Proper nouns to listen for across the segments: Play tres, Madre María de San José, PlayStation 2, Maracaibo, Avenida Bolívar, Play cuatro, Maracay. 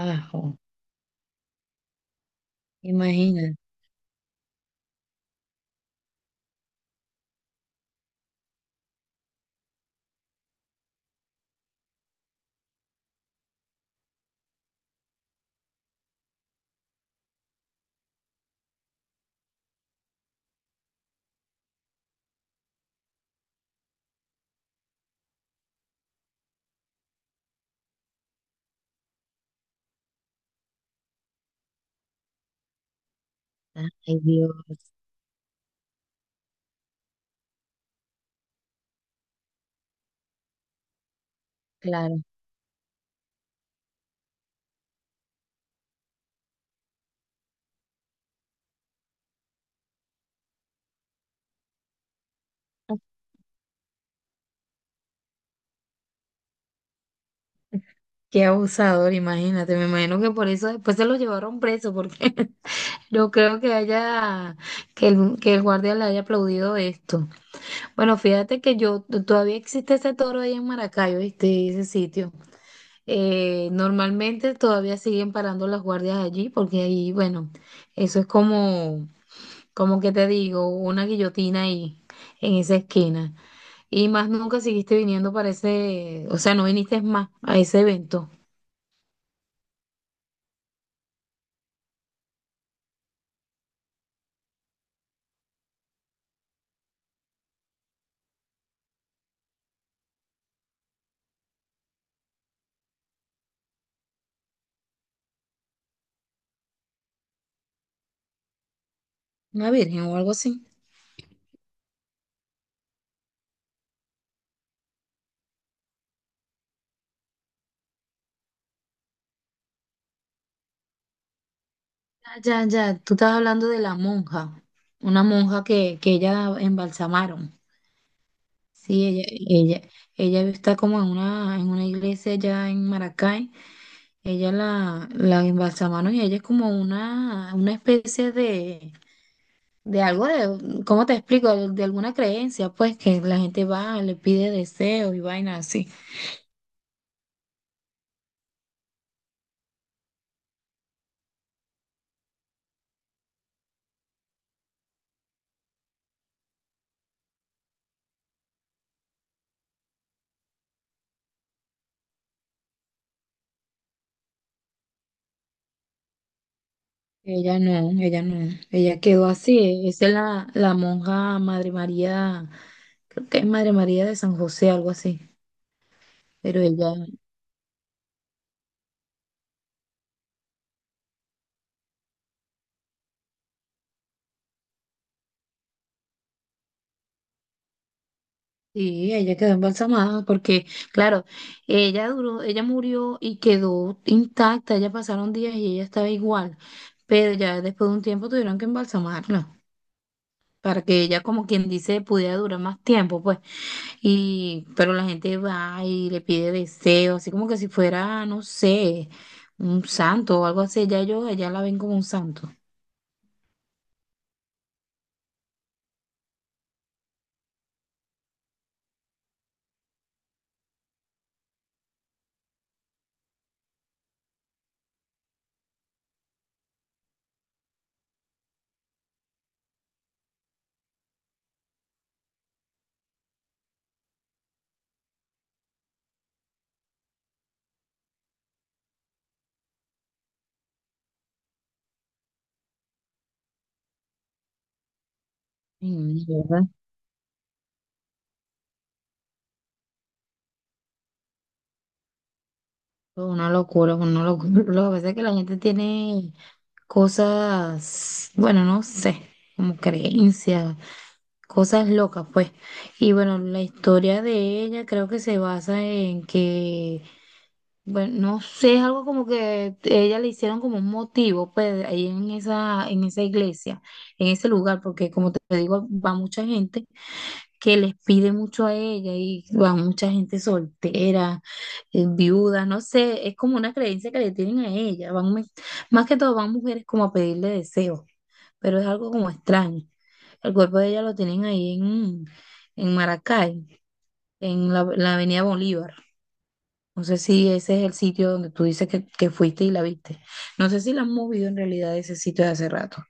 Ajo, imagínate. Ay, Dios, claro. Qué abusador, imagínate. Me imagino que por eso después se lo llevaron preso, porque no creo que haya, que el guardia le haya aplaudido esto. Bueno, fíjate que yo, todavía existe ese toro ahí en Maracayo, ¿viste? Ese sitio. Normalmente todavía siguen parando las guardias allí, porque ahí, bueno, eso es como, como que te digo, una guillotina ahí, en esa esquina. Y más nunca seguiste viniendo para ese, o sea, no viniste más a ese evento, una virgen o algo así. Ah, ya, ya, tú estás hablando de la monja, una monja que ella embalsamaron. Sí, ella está como en una iglesia allá en Maracay, ella la embalsamaron y ella es como una especie de algo de, ¿cómo te explico? De alguna creencia, pues, que la gente va, le pide deseos y vainas así. Ella no, ella no, ella quedó así. Esa es la, la monja Madre María, creo que es Madre María de San José, algo así. Pero ella, sí, ella quedó embalsamada porque, claro, ella duró, ella murió y quedó intacta. Ella pasaron días y ella estaba igual. Pero ya después de un tiempo tuvieron que embalsamarla para que ella, como quien dice, pudiera durar más tiempo, pues. Y, pero la gente va y le pide deseos, así como que si fuera, no sé, un santo o algo así. Ya yo, ya la ven como un santo. Ay, mierda. Una locura, una locura. Lo que pasa es que la gente tiene cosas, bueno, no sé, como creencias, cosas locas, pues. Y bueno, la historia de ella creo que se basa en que bueno, no sé, es algo como que ella le hicieron como un motivo, pues, ahí en esa iglesia, en ese lugar, porque como te digo, va mucha gente que les pide mucho a ella y va mucha gente soltera, viuda, no sé, es como una creencia que le tienen a ella, van, más que todo van mujeres como a pedirle deseos, pero es algo como extraño. El cuerpo de ella lo tienen ahí en Maracay, en la Avenida Bolívar. No sé si ese es el sitio donde tú dices que fuiste y la viste. No sé si la han movido en realidad de ese sitio de hace rato.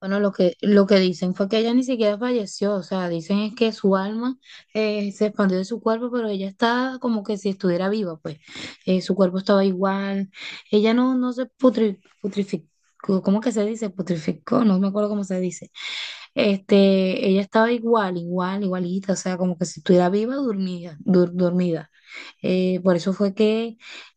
Bueno, lo que dicen fue que ella ni siquiera falleció, o sea, dicen es que su alma se expandió de su cuerpo, pero ella está como que si estuviera viva, pues. Su cuerpo estaba igual, ella no, no se putrificó, ¿cómo que se dice? Putrificó, no me acuerdo cómo se dice. Este, ella estaba igual, igual, igualita, o sea, como que si estuviera viva, dormida, dormida. Eh, por eso fue que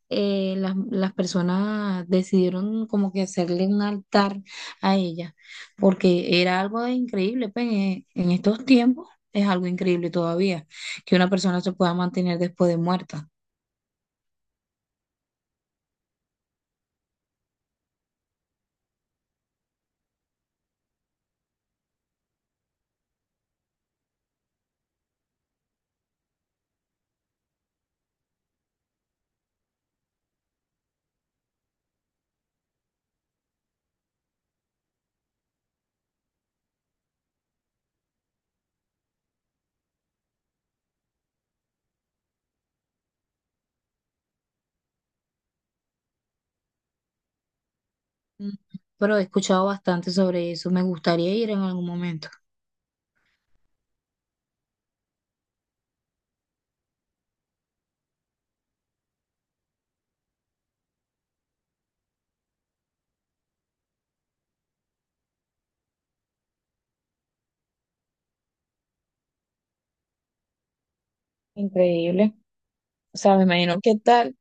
eh, las personas decidieron como que hacerle un altar a ella, porque era algo increíble, pues, en estos tiempos es algo increíble todavía, que una persona se pueda mantener después de muerta. Mm, pero he escuchado bastante sobre eso, me gustaría ir en algún momento. Increíble. O sea, me imagino qué tal.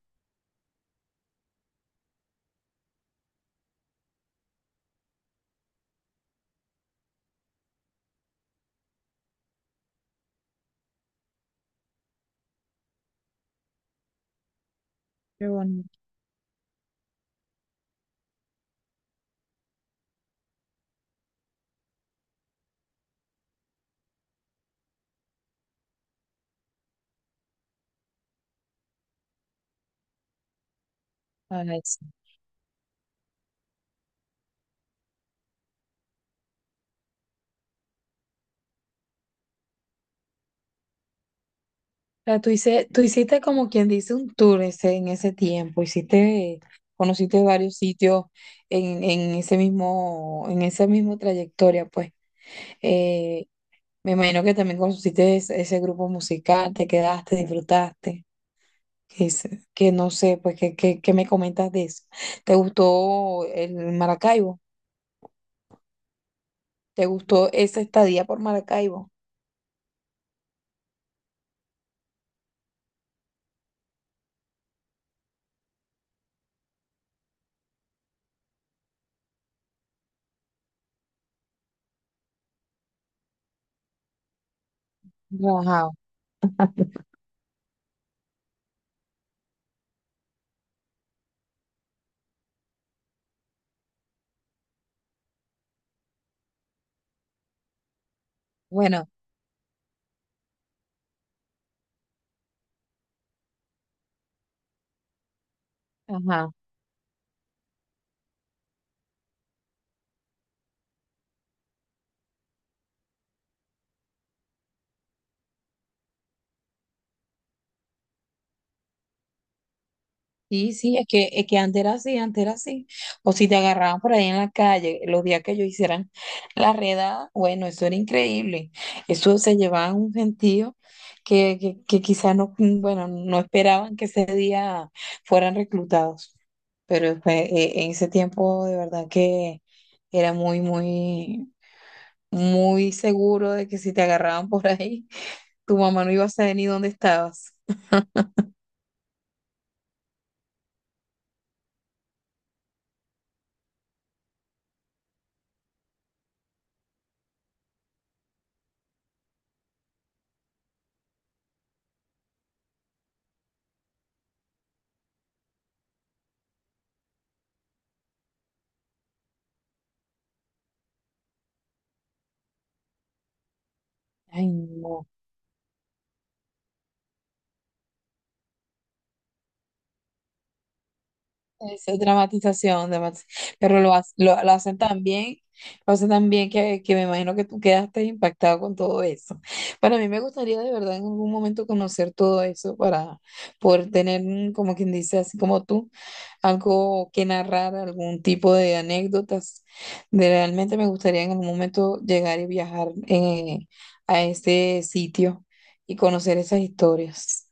Qué bueno, a ver. O sea, tú hiciste como quien dice un tour ese, en ese tiempo, hiciste, conociste varios sitios en ese mismo, en esa misma trayectoria, pues. Eh, Me imagino que también conociste ese, ese grupo musical, te quedaste, disfrutaste. Que, es- que no sé, pues, ¿qué me comentas de eso? ¿Te gustó el Maracaibo? ¿Te gustó esa estadía por Maracaibo? Ajá. Bueno, ajá. Sí, sí, es que antes era así, antes era así. O si te agarraban por ahí en la calle, los días que ellos hicieran la redada, bueno, eso era increíble. Eso se llevaban un gentío que quizás no, mm, bueno, no esperaban que ese día fueran reclutados. En ese tiempo de verdad que era muy, muy, muy seguro de que si te agarraban por ahí, tu mamá no iba a saber ni dónde estabas. Ay, no, esa dramatización, pero lo hacen tan bien, lo hacen tan bien que me imagino que tú quedaste impactado con todo eso. Para mí me gustaría de verdad en algún momento conocer todo eso para poder tener, mm, como quien dice, así como tú, algo que narrar, algún tipo de anécdotas. Realmente me gustaría en algún momento llegar y viajar a ese sitio y conocer esas historias.